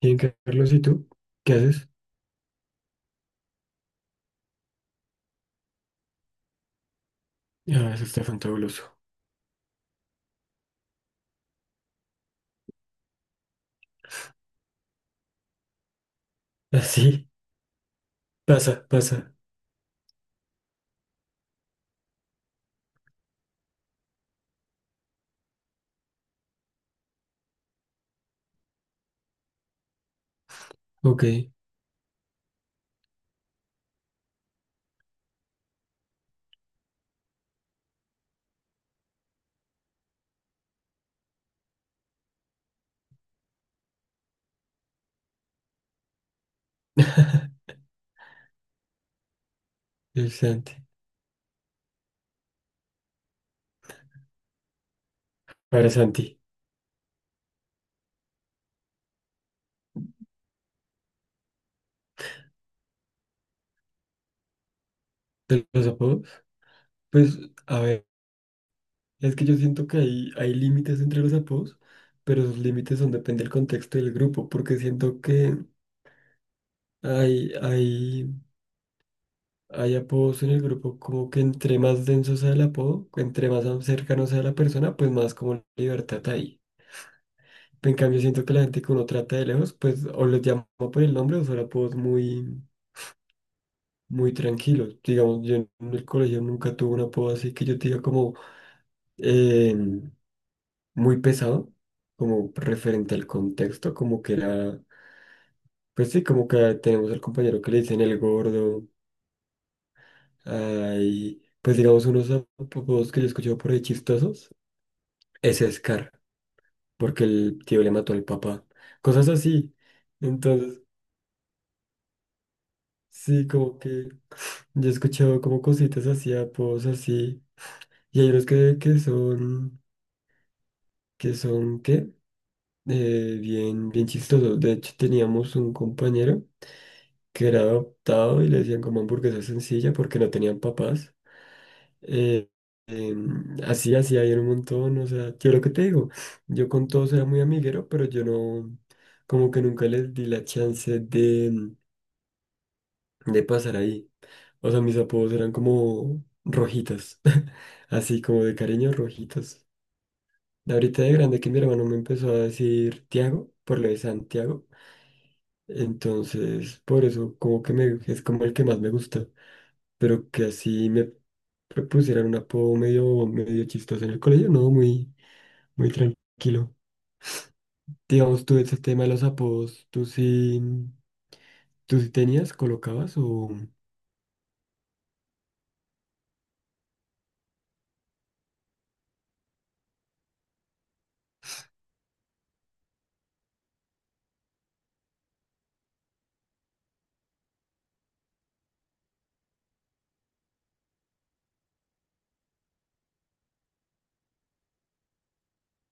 Bien, Carlos, ¿y tú? ¿Qué haces? Ah, eso está fantabuloso. Así, pasa, pasa. Ok. El Santi. Para Santi, de los apodos. Pues, a ver, es que yo siento que hay límites entre los apodos, pero los límites son depende del contexto del grupo, porque siento que hay, hay, hay apodos en el grupo como que entre más denso sea el apodo, entre más cercano sea la persona, pues más como libertad hay. En cambio, siento que la gente que uno trata de lejos, pues o los llama por el nombre o son apodos muy tranquilos. Digamos, yo en el colegio nunca tuve un apodo así que yo te diga como eh, muy pesado, como referente al contexto, como que era, pues sí, como que tenemos al compañero que le dicen el gordo, hay, pues digamos, unos apodos que yo he escuchado por ahí chistosos, es Scar, porque el tío le mató al papá, cosas así. Entonces, sí, como que yo he escuchado como cositas así, apodos así, y hay unos que son, que son, ¿qué? Bien, bien chistosos. De hecho, teníamos un compañero que era adoptado y le decían como hamburguesa sencilla porque no tenían papás. Eh, así había un montón. O sea, yo lo que te digo, yo con todos era muy amiguero, pero yo no, como que nunca les di la chance de pasar ahí. O sea, mis apodos eran como rojitas, así como de cariño, rojitas. Ahorita de grande que mi hermano me empezó a decir Tiago, por lo de Santiago. Entonces, por eso, como que me, es como el que más me gusta. Pero que así me propusieran un apodo medio chistoso en el colegio, no, muy tranquilo. Digamos, tú ese tema de los apodos, tú sí tenías, colocabas o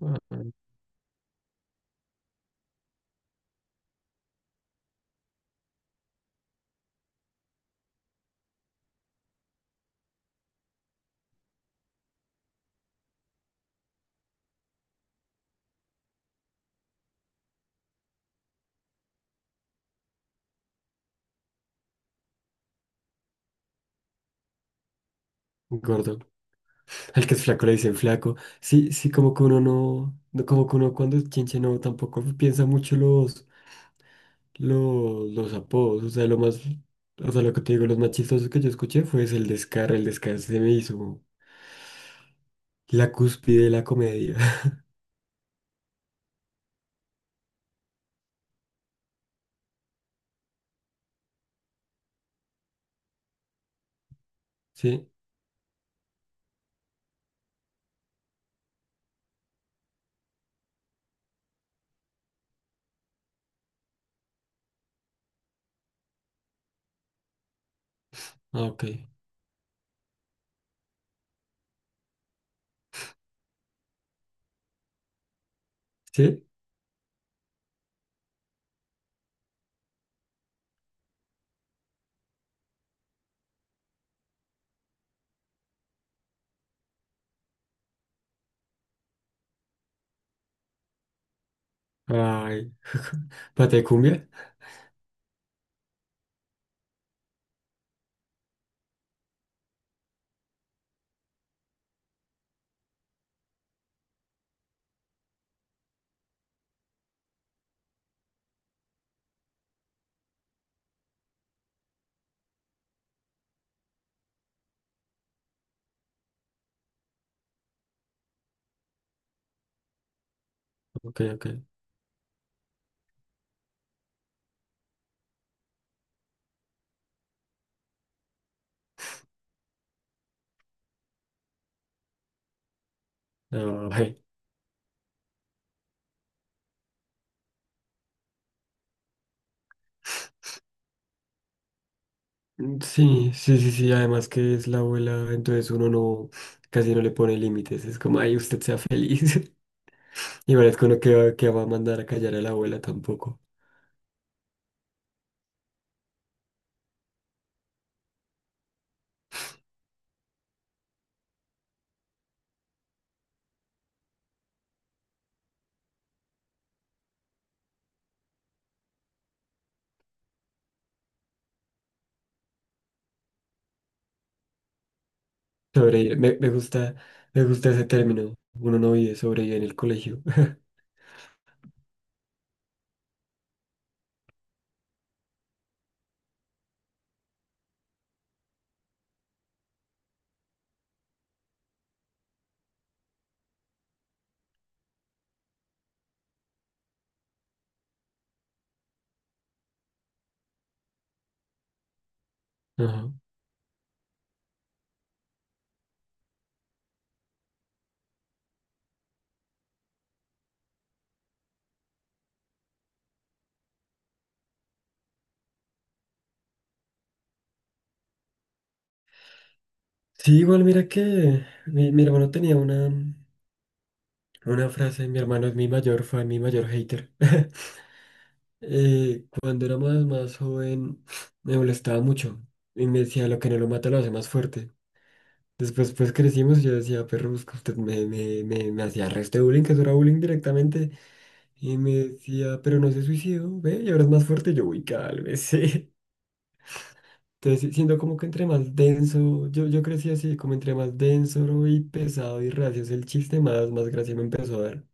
ah, gordo? Al que es flaco le dicen flaco. Sí, sí, como que uno no, no- como que uno cuando es chinche no, tampoco piensa mucho los apodos. O sea, lo más, o sea, lo que te digo, los más chistosos que yo escuché fue ese, el descarre se me hizo la cúspide de la comedia. ¿Sí? Ah, ok. ¿Sí? Ay, ¿pate de cumbia? Ok, ok. Ay. Sí, sí, sí, sí, además que es la abuela, entonces uno no, casi no le pone límites, es como, ay, usted sea feliz. Y parece uno que va a mandar a callar a la abuela tampoco. Sobrevivir. Me gusta, me gusta ese término. Uno no vive, sobrevive en el colegio. Ajá. Sí, igual mira que mi hermano tenía una frase, mi hermano es mi mayor fan, mi mayor hater. Cuando era más joven me molestaba mucho y me decía lo que no lo mata lo hace más fuerte. Después pues crecimos y yo decía, perro, busca usted me, me hacía resto de bullying, que eso era bullying directamente. Y me decía, pero no se suicidó, ve, y ahora es más fuerte. Yo, uy, vez sí. Entonces, sí, siendo como que entre más denso, yo crecí así, como entre más denso y pesado y reacio el chiste, más gracia me empezó a dar.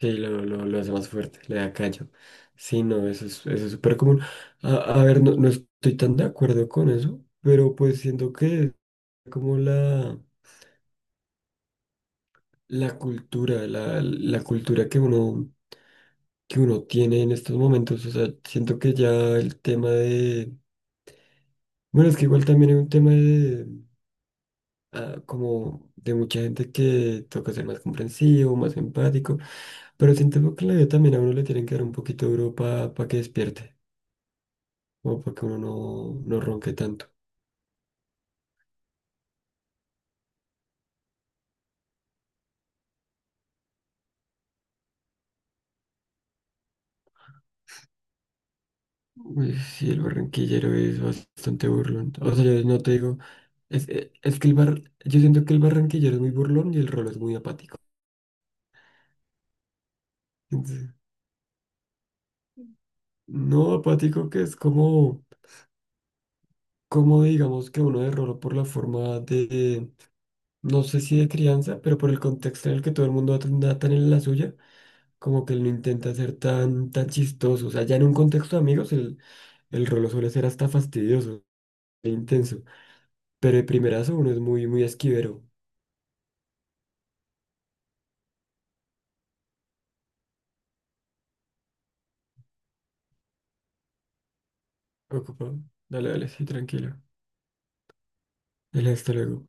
Sí, lo hace más fuerte, le da callo. Sí, no, eso es súper común. A ver, no, no estoy tan de acuerdo con eso, pero pues siento que es como la cultura, la cultura que uno tiene en estos momentos. O sea, siento que ya el tema de bueno, es que igual también hay un tema de, ah, como de mucha gente que toca ser más comprensivo, más empático, pero siento que en la vida también a uno le tienen que dar un poquito duro para que despierte, o para que uno no, no ronque tanto. Uy, sí, el barranquillero es bastante burlón. O sea, yo no te digo, es, e- es que el bar, yo siento que el barranquillero es muy burlón y el rolo es muy apático. Entonces, no apático que es como, como digamos que uno de rolo por la forma de no sé si de crianza, pero por el contexto en el que todo el mundo anda tan en la suya, como que él no intenta ser tan, tan chistoso. O sea, ya en un contexto de amigos, el rolo suele ser hasta fastidioso e intenso. Pero de primerazo uno es muy esquivero. Ocupado. Dale, dale, sí, tranquilo. Dale, hasta luego.